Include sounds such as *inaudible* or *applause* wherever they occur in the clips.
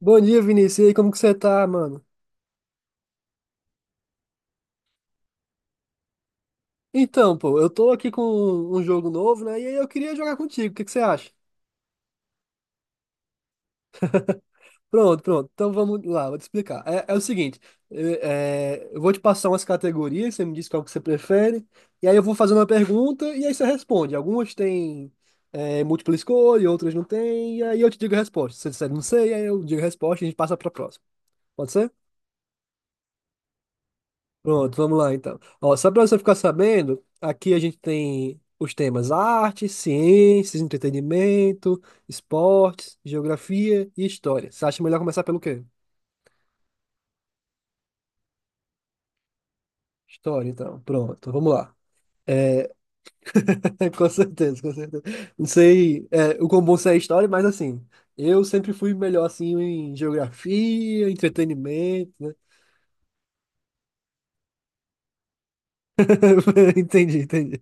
Bom dia, Vinícius. E aí, como que você tá, mano? Então, pô, eu tô aqui com um jogo novo, né? E aí eu queria jogar contigo. O que que você acha? Pronto, pronto. Então vamos lá, vou te explicar. É o seguinte, eu vou te passar umas categorias, você me diz qual que você prefere, e aí eu vou fazer uma pergunta e aí você responde. Algumas têm múltipla escolha, outras não têm, e aí eu te digo a resposta. Se você disser não sei, aí eu digo a resposta e a gente passa pra próxima. Pode ser? Pronto, vamos lá então. Ó, só para você ficar sabendo, aqui a gente tem os temas arte, ciências, entretenimento, esportes, geografia e história. Você acha melhor começar pelo quê? História, então. Pronto, vamos lá. *laughs* Com certeza, com certeza. Não sei, o quão bom você é em história, mas assim, eu sempre fui melhor assim em geografia, entretenimento, né? *laughs* Entendi, entendi.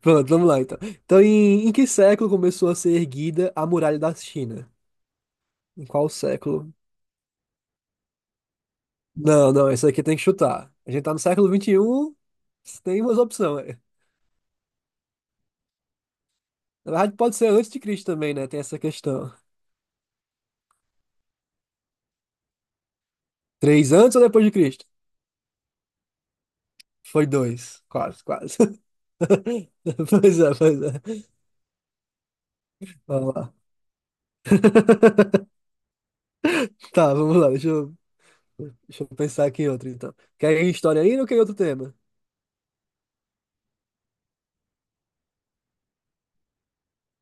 Pronto, vamos lá então. Então, em que século começou a ser erguida a Muralha da China? Em qual século? Não, não, esse aqui tem que chutar. A gente tá no século vinte e um. Tem umas opções. Na verdade, pode ser antes de Cristo também, né? Tem essa questão. Três antes ou depois de Cristo? Foi dois. Quase, quase. *laughs* Pois é, pois é. Vamos lá. *laughs* Tá, vamos lá. Deixa eu pensar aqui em outro, então. Quer ir em história ainda ou quer ir em outro tema?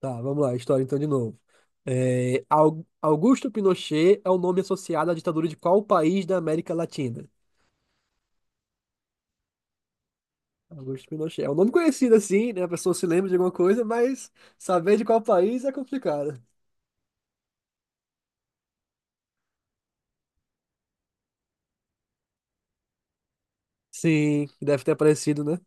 Tá, vamos lá. História, então, de novo. É, Augusto Pinochet é o nome associado à ditadura de qual país da América Latina? Augusto Pinochet. É um nome conhecido assim, né? A pessoa se lembra de alguma coisa, mas saber de qual país é complicado. Sim, deve ter aparecido, né?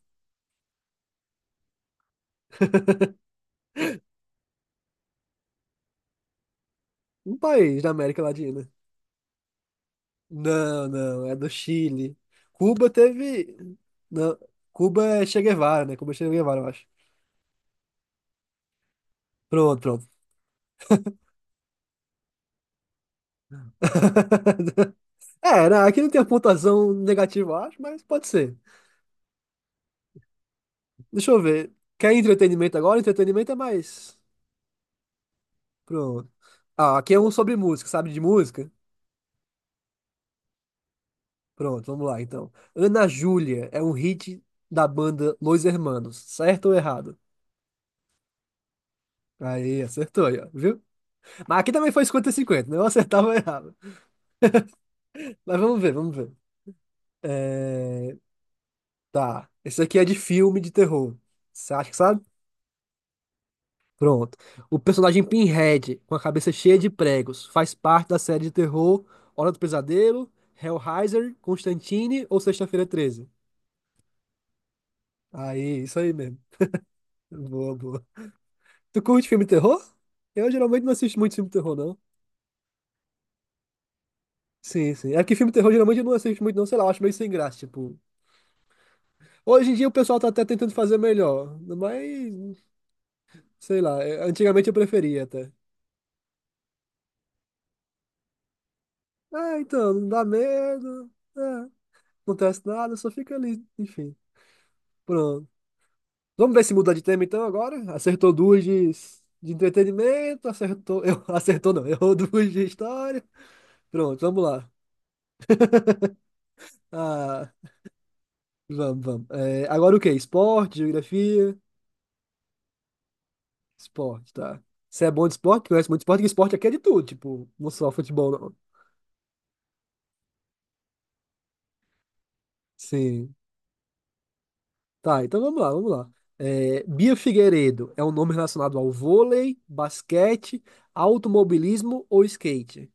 Um país da América Latina. Não, não, é do Chile. Cuba teve. Não, Cuba é Che Guevara, né? Cuba é Che Guevara, eu acho. Pronto, pronto. *laughs* É, né? Aqui não tem a pontuação negativa, eu acho, mas pode ser. Deixa eu ver. Quer entretenimento agora? Entretenimento é mais. Pronto. Ah, aqui é um sobre música, sabe de música? Pronto, vamos lá então. Ana Júlia é um hit da banda Los Hermanos, certo ou errado? Aí, acertou aí, ó, viu? Mas aqui também foi 50-50, né? Eu acertava ou errava. Mas vamos ver, vamos ver. É, tá, esse aqui é de filme de terror. Você acha que sabe? Pronto. O personagem Pinhead, com a cabeça cheia de pregos, faz parte da série de terror Hora do Pesadelo, Hellraiser, Constantine ou Sexta-feira Treze? Aí, isso aí mesmo. Boa, boa. Tu curte filme de terror? Eu geralmente não assisto muito filme de terror, não. Sim, sim. É que filme de terror geralmente eu não assisto muito, não. Sei lá, eu acho meio sem graça, tipo. Hoje em dia o pessoal tá até tentando fazer melhor. Mas, sei lá, antigamente eu preferia até. Ah, então, não dá medo. É, não acontece nada, só fica ali, enfim. Pronto. Vamos ver se muda de tema então agora. De entretenimento, acertou. Eu, *laughs* acertou não, errou duas de história. Pronto, vamos lá. Ah, vamos, vamos. É, agora o quê? Esporte, geografia? Esporte, tá. Você é bom de esporte? Conhece muito esporte? Porque esporte aqui é de tudo, tipo, não só futebol, não. Sim. Tá, então vamos lá, vamos lá. É, Bia Figueiredo é um nome relacionado ao vôlei, basquete, automobilismo ou skate?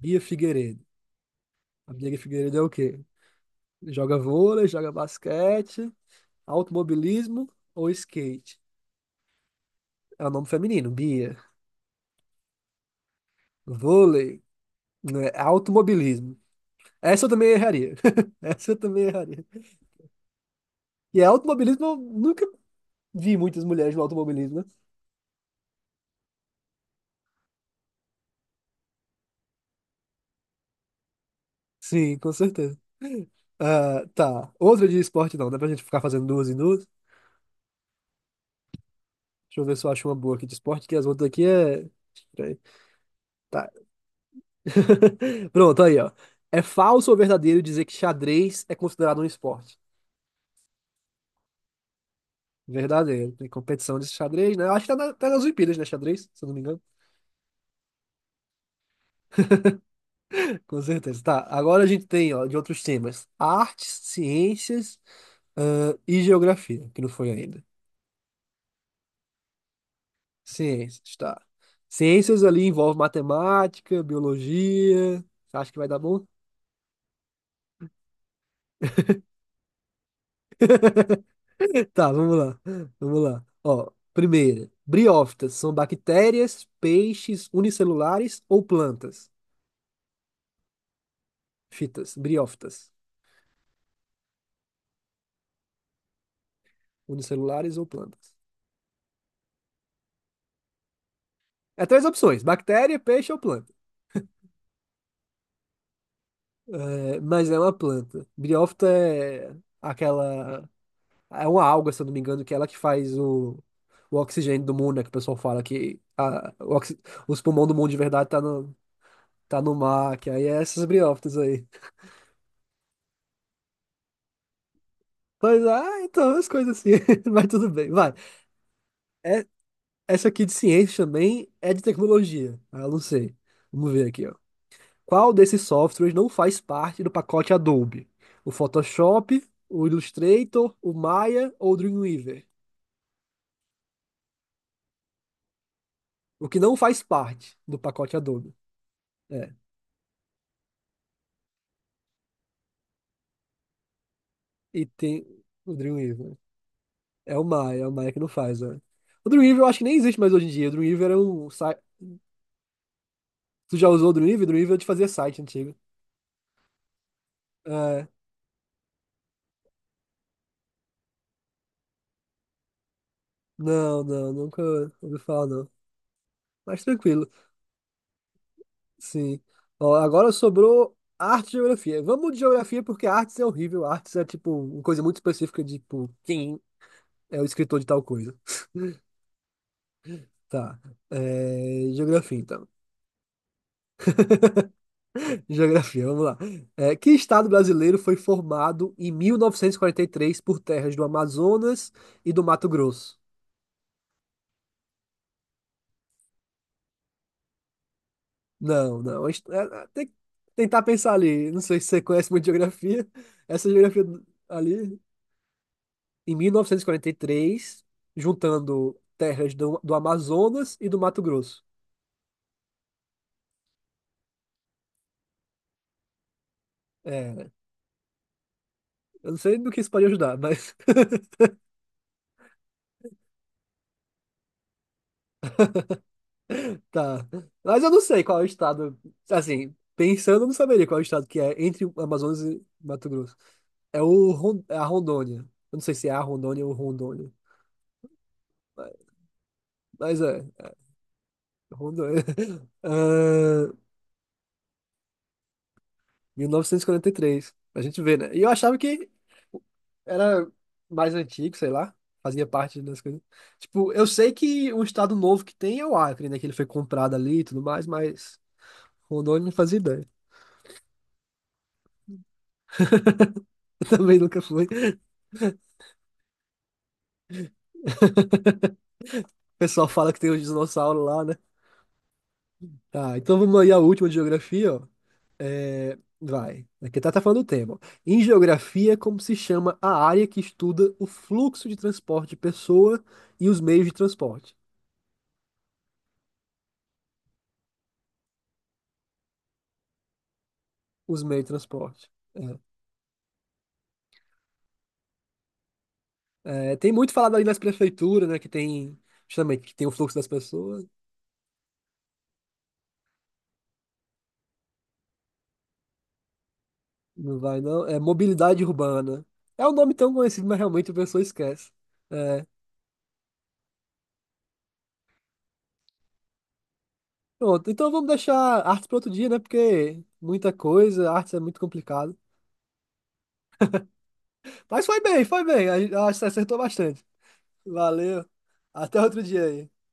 Bia Figueiredo. A Bia Figueiredo é o quê? Joga vôlei, joga basquete, automobilismo ou skate? É o nome feminino, Bia. Vôlei, né, automobilismo. Essa eu também erraria. *laughs* Essa eu também erraria. E é automobilismo, eu nunca vi muitas mulheres no automobilismo, né? Sim, com certeza. Ah, tá. Outra de esporte não, dá pra gente ficar fazendo duas e duas. Deixa eu ver se eu acho uma boa aqui de esporte, que as outras aqui é. Peraí. Tá. *laughs* Pronto, aí, ó. É falso ou verdadeiro dizer que xadrez é considerado um esporte? Verdadeiro. Tem competição de xadrez, né? Eu acho que tá, tá nas Olimpíadas, né? Xadrez, se eu não me engano. Com certeza. Tá. Agora a gente tem, ó, de outros temas: artes, ciências. Ah, e geografia, que não foi ainda. Ciências, tá. Ciências ali envolve matemática, biologia. Acho que vai dar bom? *laughs* Tá, vamos lá. Vamos lá. Ó, primeira. Briófitas são bactérias, peixes unicelulares ou plantas? Fitas, briófitas, unicelulares ou plantas. É três opções: bactéria, peixe ou planta. É, mas é uma planta. Briófita é aquela. É uma alga, se eu não me engano, que é ela que faz o oxigênio do mundo, né? Que o pessoal fala que o os pulmões do mundo de verdade tá no mar, que aí é essas briófitas aí. Mas, ah, então, as coisas assim. *laughs* Mas tudo bem, vai. É, essa aqui de ciência também é de tecnologia. Ah, eu não sei. Vamos ver aqui, ó. Qual desses softwares não faz parte do pacote Adobe? O Photoshop, o Illustrator, o Maya ou o Dreamweaver? O que não faz parte do pacote Adobe. É, e tem o Dreamweaver. É o Maia que não faz, né? O Dreamweaver eu acho que nem existe mais hoje em dia. O Dreamweaver era um site. Tu já usou o Dreamweaver? O Dreamweaver é de fazer site antigo. É. Não, não, nunca ouvi falar, não. Mas tranquilo, sim. Ó, agora sobrou arte e geografia. Vamos de geografia porque artes é horrível. Artes é tipo uma coisa muito específica de tipo, quem é o escritor de tal coisa. Tá. É, geografia, então. Geografia, vamos lá. É, que estado brasileiro foi formado em 1943 por terras do Amazonas e do Mato Grosso? Não, não. a hist- é, é, Tem que tentar pensar ali. Não sei se você conhece muito geografia. Essa geografia ali, em 1943, juntando terras do Amazonas e do Mato Grosso. É, eu não sei no que isso pode ajudar, mas tá. Mas eu não sei qual é o estado. Assim, pensando, eu não saberia qual é o estado que é entre o Amazonas e Mato Grosso. É a Rondônia. Eu não sei se é a Rondônia ou Rondônia. Mas é Rondônia. *laughs* Ahn, 1943. A gente vê, né? E eu achava que era mais antigo, sei lá. Fazia parte das coisas. Tipo, eu sei que um estado novo que tem é o Acre, né? Que ele foi comprado ali e tudo mais, mas Rondônia não fazia ideia. *laughs* Eu também nunca fui. O pessoal fala que tem os dinossauros lá, né? Tá, então vamos aí a última de geografia, ó. Vai. Aqui tá, tá falando o tema. Em geografia, é como se chama a área que estuda o fluxo de transporte de pessoa e os meios de transporte? Os meios de transporte. É, tem muito falado ali nas prefeituras, né? Que tem, justamente, que tem o fluxo das pessoas. Não vai, não. É mobilidade urbana. É um nome tão conhecido, mas realmente a pessoa esquece. É. Pronto, então vamos deixar artes para outro dia, né? Porque muita coisa, artes é muito complicado. Mas foi bem, foi bem. A- acho que você acertou bastante. Valeu. Até outro dia aí.